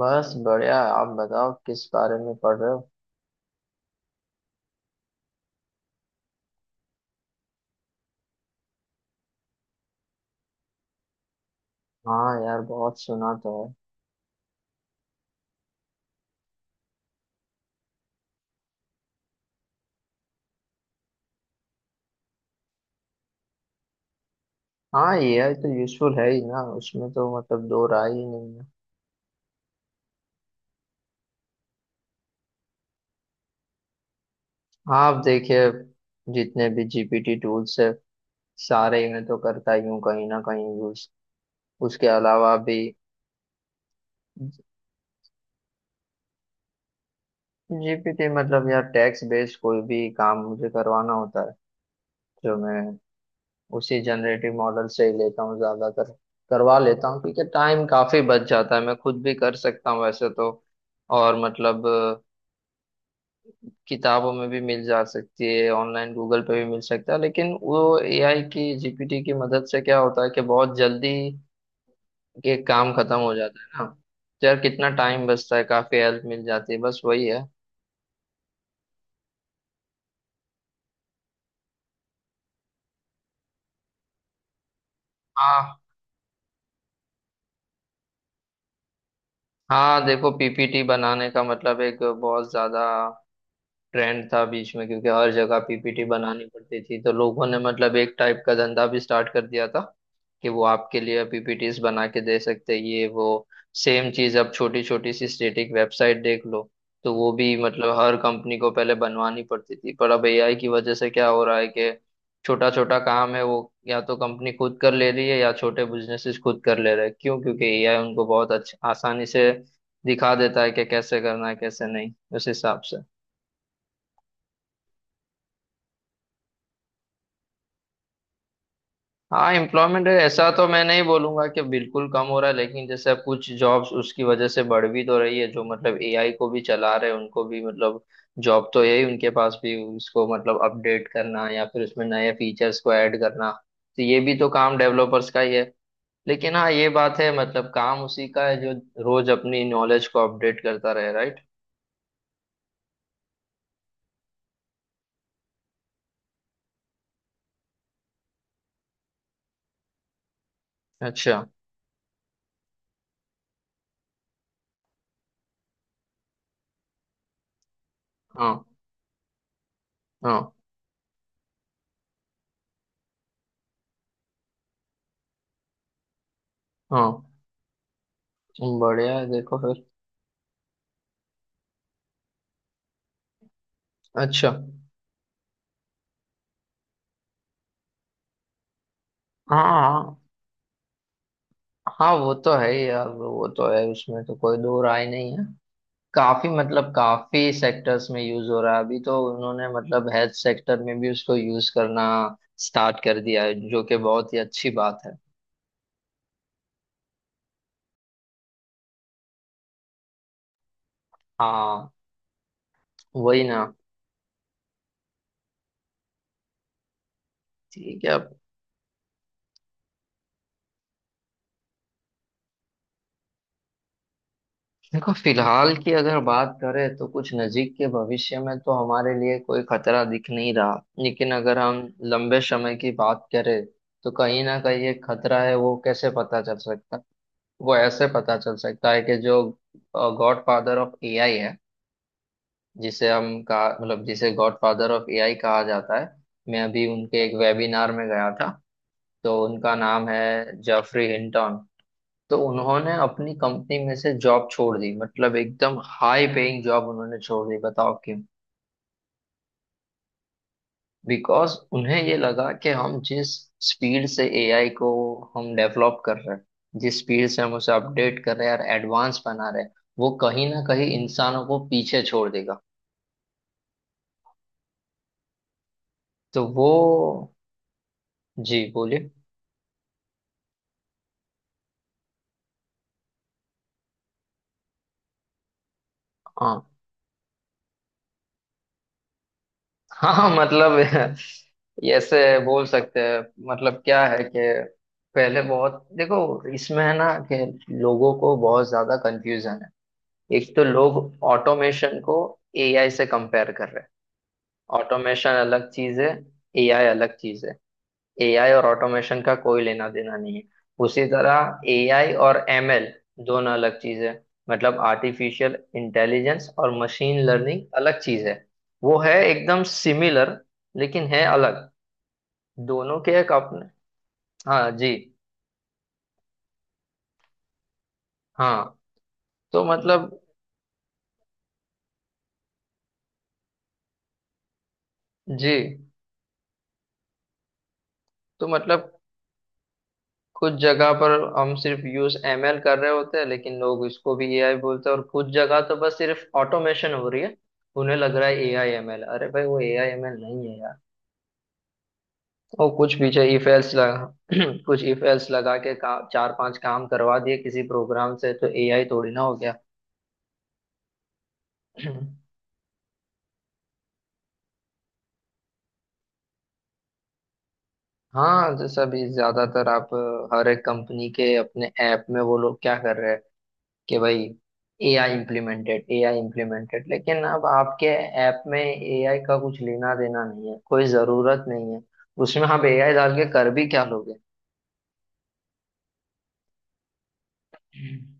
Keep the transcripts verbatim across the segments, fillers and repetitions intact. बस बढ़िया। आप बताओ, किस बारे में पढ़ रहे हो? हाँ यार, बहुत सुना तो है। हाँ, एआई तो यूजफुल है ही ना, उसमें तो मतलब दो राय ही नहीं है। हाँ आप देखिए, जितने भी जीपीटी टूल्स है सारे इन्हें तो करता ही हूँ कहीं ना कहीं यूज। उसके अलावा भी जीपीटी मतलब यार, टैक्स बेस्ड कोई भी काम मुझे करवाना होता है जो मैं उसी जनरेटिव मॉडल से ही लेता हूँ ज्यादातर। करवा लेता हूँ क्योंकि टाइम काफी बच जाता है। मैं खुद भी कर सकता हूँ वैसे तो। और मतलब अ, किताबों में भी मिल जा सकती है, ऑनलाइन गूगल पे भी मिल सकता है, लेकिन वो एआई की जीपीटी की मदद से क्या होता है कि बहुत जल्दी ये काम खत्म हो जाता है ना। तो यार, कितना टाइम बचता है, काफी हेल्प मिल जाती है। बस वही है। हाँ हाँ, देखो पीपीटी बनाने का मतलब एक बहुत ज्यादा ट्रेंड था बीच में, क्योंकि हर जगह पीपीटी बनानी पड़ती थी। तो लोगों ने मतलब एक टाइप का धंधा भी स्टार्ट कर दिया था कि वो आपके लिए पीपीटीज बना के दे सकते हैं, ये वो। सेम चीज अब छोटी छोटी सी स्टेटिक वेबसाइट देख लो, तो वो भी मतलब हर कंपनी को पहले बनवानी पड़ती थी, पर अब एआई की वजह से क्या हो रहा है कि छोटा छोटा काम है वो या तो कंपनी खुद कर ले रही है या छोटे बिजनेसेस खुद कर ले रहे हैं। क्यों? क्योंकि एआई उनको बहुत अच्छा आसानी से दिखा देता है कि कैसे करना है कैसे नहीं, उस हिसाब से। हाँ, एम्प्लॉयमेंट ऐसा तो मैं नहीं बोलूंगा कि बिल्कुल कम हो रहा है, लेकिन जैसे अब कुछ जॉब्स उसकी वजह से बढ़ भी तो रही है, जो मतलब एआई को भी चला रहे हैं उनको भी मतलब जॉब तो यही। उनके पास भी उसको मतलब अपडेट करना या फिर उसमें नए फीचर्स को ऐड करना, तो ये भी तो काम डेवलपर्स का ही है। लेकिन हाँ ये बात है, मतलब काम उसी का है जो रोज अपनी नॉलेज को अपडेट करता रहे, राइट। अच्छा। हाँ हाँ। हाँ बढ़िया है, देखो फिर। अच्छा। हाँ हाँ। हाँ वो तो है ही यार, वो तो है, उसमें तो कोई दो राय नहीं है। काफी मतलब काफी सेक्टर्स में यूज हो रहा है। अभी तो उन्होंने मतलब हेल्थ सेक्टर में भी उसको यूज करना स्टार्ट कर दिया है, जो कि बहुत ही अच्छी बात है। हाँ वही ना। ठीक है अब, देखो फिलहाल की अगर बात करें तो कुछ नजीक के भविष्य में तो हमारे लिए कोई खतरा दिख नहीं रहा, लेकिन अगर हम लंबे समय की बात करें तो कहीं ना कहीं एक खतरा है। वो कैसे पता चल सकता है? वो ऐसे पता चल सकता है कि जो गॉड फादर ऑफ एआई है, जिसे हम कहा मतलब जिसे गॉड फादर ऑफ एआई कहा जाता है, मैं अभी उनके एक वेबिनार में गया था। तो उनका नाम है जेफरी हिंटन। तो उन्होंने अपनी कंपनी में से जॉब छोड़ दी, मतलब एकदम हाई पेइंग जॉब उन्होंने छोड़ दी। बताओ क्यों? बिकॉज उन्हें ये लगा कि हम जिस स्पीड से एआई को हम डेवलप कर रहे हैं, जिस स्पीड से हम उसे अपडेट कर रहे हैं और एडवांस बना रहे हैं, वो कहीं ना कहीं इंसानों को पीछे छोड़ देगा। तो वो। जी बोलिए। हाँ हाँ, हाँ मतलब ऐसे बोल सकते हैं। मतलब क्या है कि पहले बहुत देखो, इसमें है ना कि लोगों को बहुत ज्यादा कंफ्यूजन है। एक तो लोग ऑटोमेशन को एआई से कंपेयर कर रहे हैं। ऑटोमेशन अलग चीज है, एआई अलग चीज है। एआई और ऑटोमेशन का कोई लेना देना नहीं है। उसी तरह एआई और एमएल दोनों अलग चीज है। मतलब आर्टिफिशियल इंटेलिजेंस और मशीन लर्निंग अलग चीज है। वो है एकदम सिमिलर, लेकिन है अलग। दोनों के एक अपने। हाँ जी। हाँ तो मतलब। जी तो मतलब कुछ जगह पर हम सिर्फ यूज एमएल कर रहे होते हैं, लेकिन लोग इसको भी एआई बोलते हैं, और कुछ जगह तो बस सिर्फ ऑटोमेशन हो रही है। उन्हें लग रहा है एआई एमएल, अरे भाई वो एआई एमएल नहीं है यार। वो कुछ पीछे इफ एल्स लगा कुछ इफ एल्स लगा के का, चार पांच काम करवा दिए किसी प्रोग्राम से, तो एआई थोड़ी ना हो गया। हाँ, जैसा भी ज्यादातर आप अ, हर एक कंपनी के अपने ऐप में वो लोग क्या कर रहे हैं कि भाई एआई इम्प्लीमेंटेड एआई इम्प्लीमेंटेड, लेकिन अब आपके ऐप में एआई का कुछ लेना देना नहीं है, कोई ज़रूरत नहीं है। उसमें आप एआई डाल के कर भी क्या लोगे? हम्म।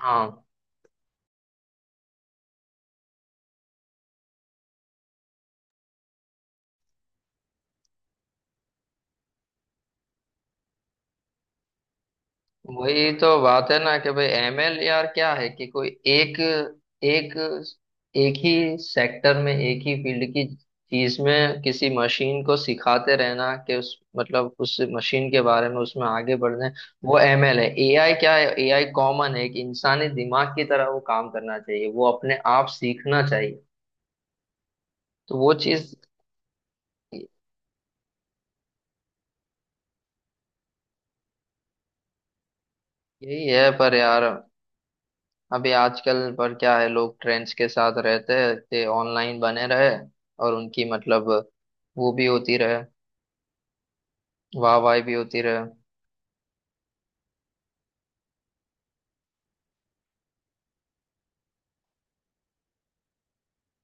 हाँ वही तो बात है ना कि भाई एमएल यार क्या है कि कोई एक एक एक ही सेक्टर में एक ही फील्ड की चीज में किसी मशीन को सिखाते रहना कि उस मतलब उस मशीन के बारे में उसमें आगे बढ़ना है, वो एमएल है। एआई क्या है? एआई कॉमन है कि इंसानी दिमाग की तरह वो काम करना चाहिए, वो अपने आप सीखना चाहिए। तो वो चीज। यही है पर यार अभी आजकल पर क्या है, लोग ट्रेंड्स के साथ रहते हैं, ते ऑनलाइन बने रहे, और उनकी मतलब वो भी होती रहे, वाह वाह भी होती रहे।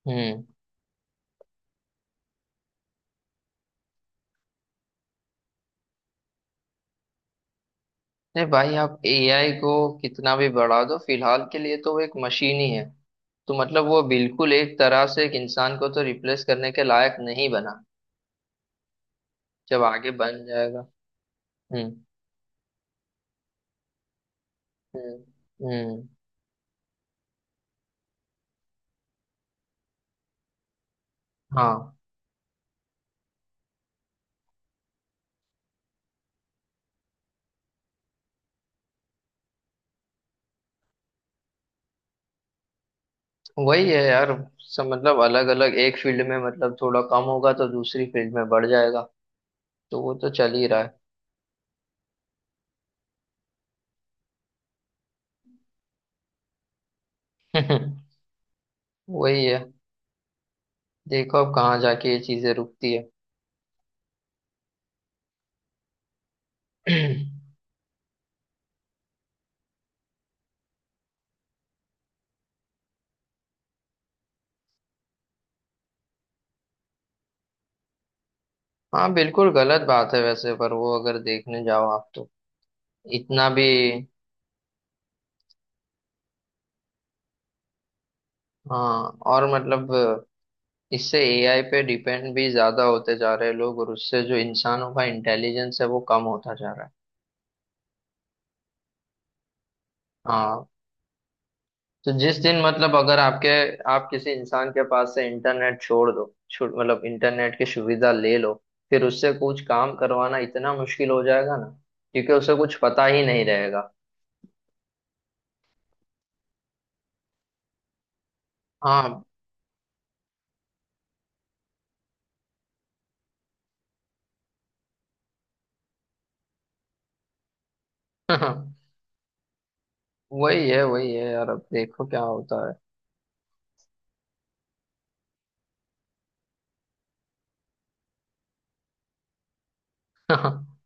हम्म। नहीं भाई, आप एआई को कितना भी बढ़ा दो, फिलहाल के लिए तो वो एक मशीन ही है। तो मतलब वो बिल्कुल एक तरह से एक इंसान को तो रिप्लेस करने के लायक नहीं बना। जब आगे बन जाएगा। हम्म। हम्म। हम्म। हाँ वही है यार, सब मतलब अलग अलग एक फील्ड में मतलब थोड़ा कम होगा तो दूसरी फील्ड में बढ़ जाएगा। तो वो तो चल ही रहा है। वही है। देखो अब कहाँ जाके ये चीजें रुकती है। हाँ बिल्कुल गलत बात है वैसे, पर वो अगर देखने जाओ आप तो इतना भी। हाँ और मतलब इससे एआई पे डिपेंड भी ज्यादा होते जा रहे हैं लोग, और उससे जो इंसानों का इंटेलिजेंस है वो कम होता जा रहा है। हाँ, तो जिस दिन मतलब अगर आपके आप किसी इंसान के पास से इंटरनेट छोड़ दो, छो- मतलब इंटरनेट की सुविधा ले लो, फिर उससे कुछ काम करवाना इतना मुश्किल हो जाएगा ना, क्योंकि उसे कुछ पता ही नहीं रहेगा। हाँ। वही है, वही है यार। अब देखो क्या होता है।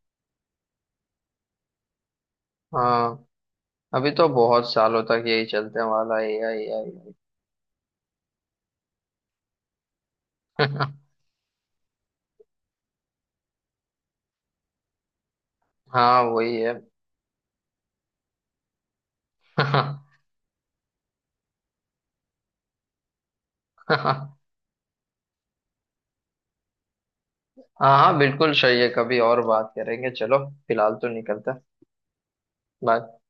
हाँ, अभी तो बहुत सालों तक यही चलते वाला है, यही यही। हाँ वही है। हाँ हाँ, बिल्कुल सही है। कभी और बात करेंगे, चलो फिलहाल तो निकलते हैं। बाय।